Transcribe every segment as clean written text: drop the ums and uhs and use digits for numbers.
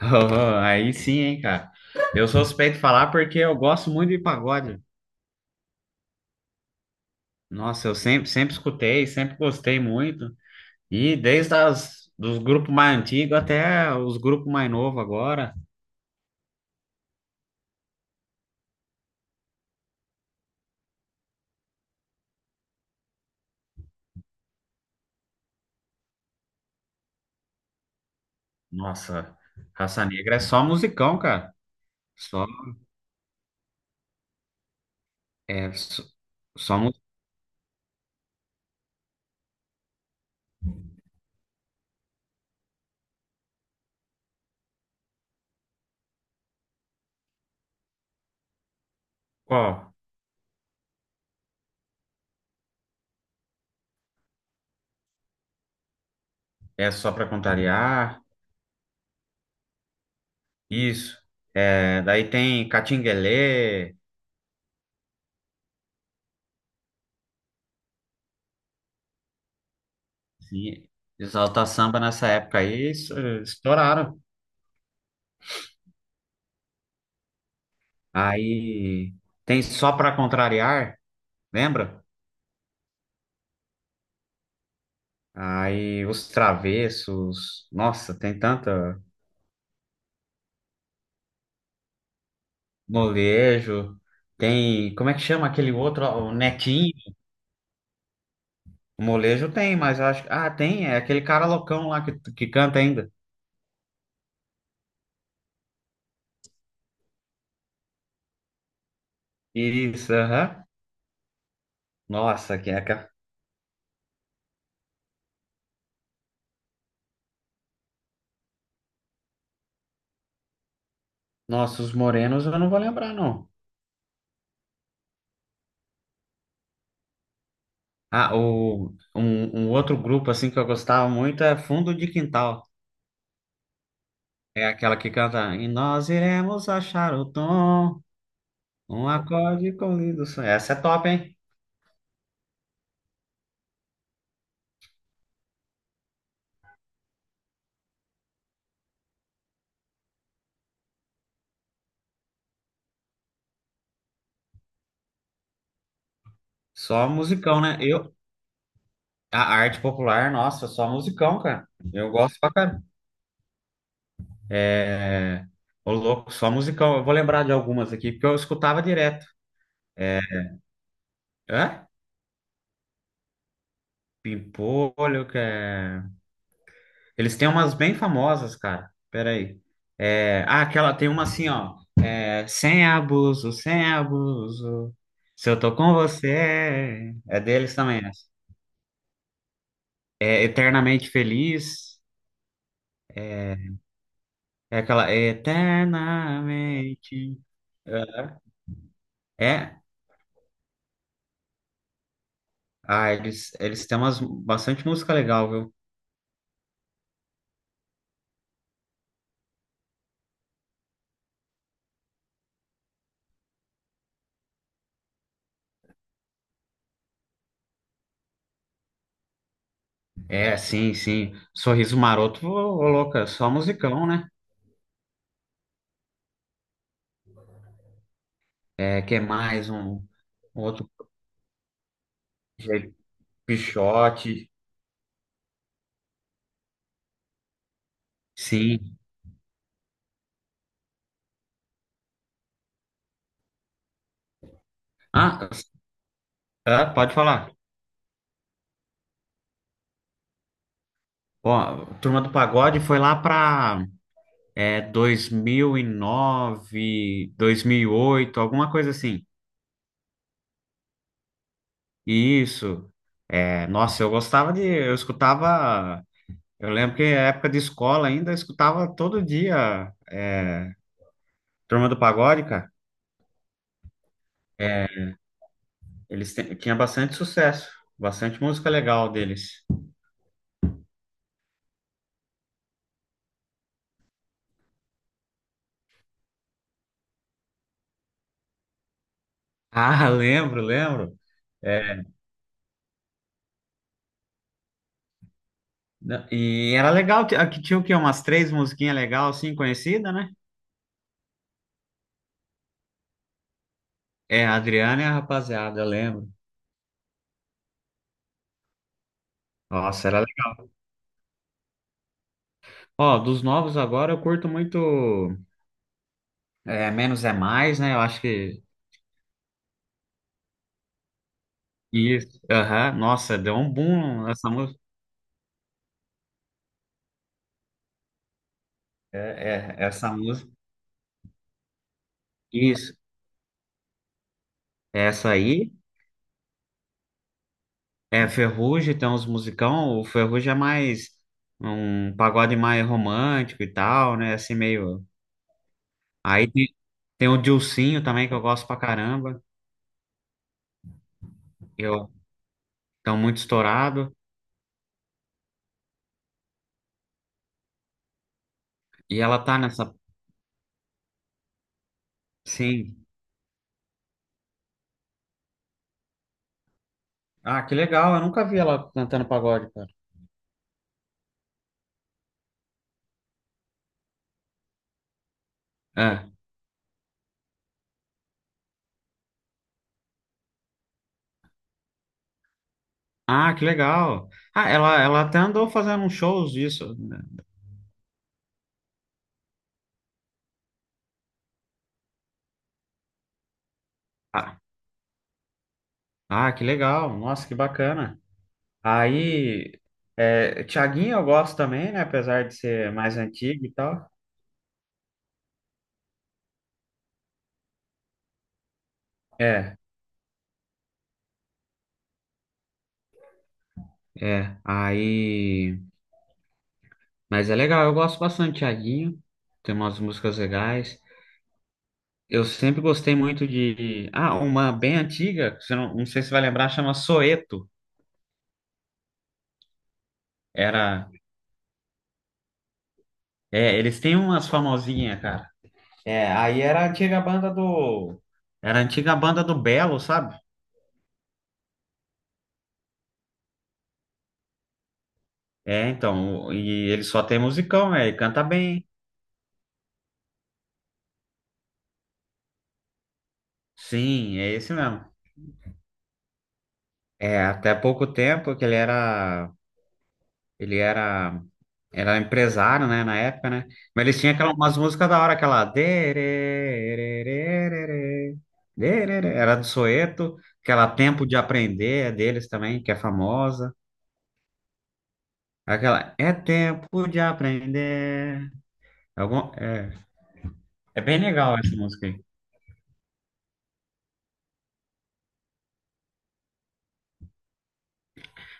Oh, aí sim, hein, cara. Eu sou suspeito de falar porque eu gosto muito de pagode. Nossa, eu sempre, sempre escutei, sempre gostei muito. E desde dos grupos mais antigos até os grupos mais novos agora. Nossa, Raça Negra é só musicão, cara. Só, é, só, só musical. É só pra contrariar. Isso. É, daí tem Catinguelê. Sim, Exalta Samba nessa época aí, isso, estouraram. Aí tem Só Pra Contrariar, lembra? Aí Os Travessos, nossa, tem tanta molejo, tem, como é que chama aquele outro, ó, o Nequinho? O molejo tem, mas eu acho, ah, tem, é aquele cara loucão lá que canta ainda. Isso, aham. Nossa, que é, ca- nossa, os morenos eu não vou lembrar, não. Ah, um outro grupo, assim, que eu gostava muito é Fundo de Quintal. É aquela que canta, e nós iremos achar o tom. Um acorde com lindo sonho. Essa é top, hein? Só musicão, né? A arte popular, nossa, só musicão, cara. Eu gosto pra caramba. É, ô louco, só musicão. Eu vou lembrar de algumas aqui, porque eu escutava direto. É, hã? Pimpolho, que é... Eles têm umas bem famosas, cara. Peraí. Ah, aquela tem uma assim, ó. É, sem abuso, sem abuso. Se eu tô com você. É deles também essa. É eternamente feliz. É aquela eternamente. É, ah, eles têm bastante música legal, viu? É, sim, sim. Sorriso Maroto, ô, ô, louca, só musicão, né? É, que é mais um outro jeito, Pixote, sim. Ah, é, pode falar. Ó, Turma do Pagode foi lá pra dois mil e nove, 2008, alguma coisa assim. Isso. É, nossa, eu gostava de, eu escutava eu lembro que na época de escola ainda eu escutava todo dia Turma do Pagode, cara. Tinha bastante sucesso, bastante música legal deles. Ah, lembro, lembro. E era legal, aqui tinha o quê? Umas três musiquinhas legais, assim, conhecidas, né? É, a Adriana e a rapaziada, eu lembro. Nossa, era legal. Ó, dos novos agora eu curto muito Menos é Mais, né? Eu acho que isso. Aham. Nossa, deu um boom essa música. É, é, essa música. Isso. Essa aí é Ferrugem, tem uns musicão. O Ferrugem é mais um pagode mais romântico e tal, né? Assim meio. Aí tem o Dilsinho também, que eu gosto pra caramba. Eu tão muito estourado. E ela tá nessa. Sim. Ah, que legal. Eu nunca vi ela cantando pagode, cara. É. Ah, que legal. Ah, ela até andou fazendo uns shows disso, né? Ah, ah, que legal. Nossa, que bacana. Aí, Thiaguinho eu gosto também, né? Apesar de ser mais antigo e tal. É, é. Aí. Mas é legal, eu gosto bastante de Thiaguinho. Tem umas músicas legais. Eu sempre gostei muito de. Ah, uma bem antiga, que você não sei se vai lembrar, chama Soeto. Era. É, eles têm umas famosinhas, cara. É, aí era a antiga banda do. Era a antiga banda do Belo, sabe? É, então. E ele só tem musicão, né? Ele canta bem. Sim, é esse mesmo. É, até pouco tempo que ele era, era empresário, né, na época, né? Mas eles tinham aquela, umas músicas da hora, aquela dererê, dererê, era do Soeto, aquela Tempo de Aprender é deles também, que é famosa. Aquela É Tempo de Aprender. Algum, é, é bem legal essa música aí.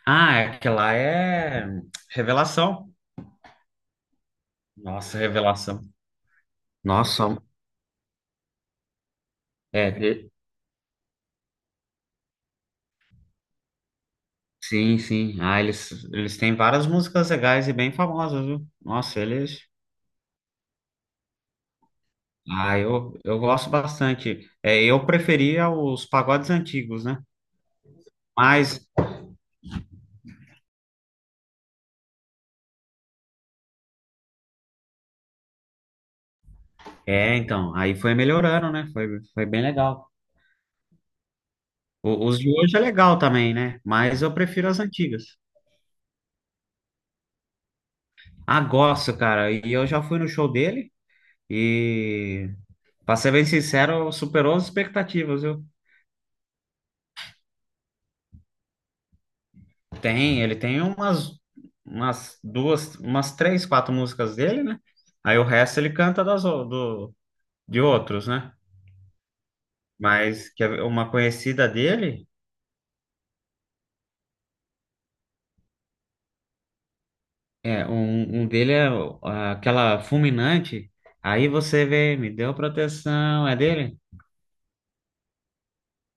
Ah, é, aquela é Revelação. Nossa, Revelação. Nossa, é, sim, sim. Ah, eles têm várias músicas legais e bem famosas, viu? Nossa, eles. Ah, eu gosto bastante. É, eu preferia os pagodes antigos, né? Mas, então, aí foi melhorando, né? Foi bem legal. Os de hoje é legal também, né? Mas eu prefiro as antigas. Ah, gosto, cara. E eu já fui no show dele e, pra ser bem sincero, superou as expectativas, viu? Ele tem umas duas, umas três, quatro músicas dele, né? Aí o resto ele canta de outros, né? Mas que é uma conhecida dele, um dele é aquela fulminante. Aí você vê, me deu proteção, é dele?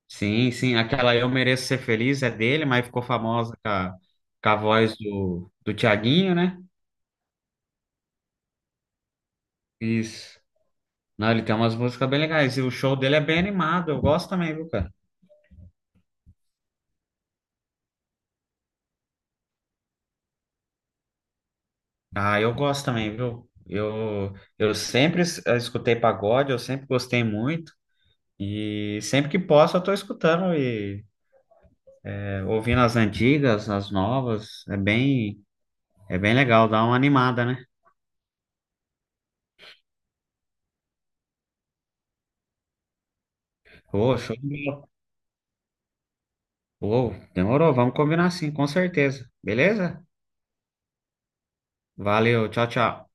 Sim, sim, aquela Eu Mereço Ser Feliz é dele, mas ficou famosa com a voz do Thiaguinho, né? Isso. Não, ele tem umas músicas bem legais. E o show dele é bem animado, eu gosto também, viu, cara? Ah, eu gosto também, viu? Eu sempre escutei pagode, eu sempre gostei muito. E sempre que posso, eu tô escutando e ouvindo as antigas, as novas. É bem legal, dá uma animada, né? Pô, show de bola. Pô, demorou, vamos combinar sim, com certeza. Beleza? Valeu, tchau, tchau.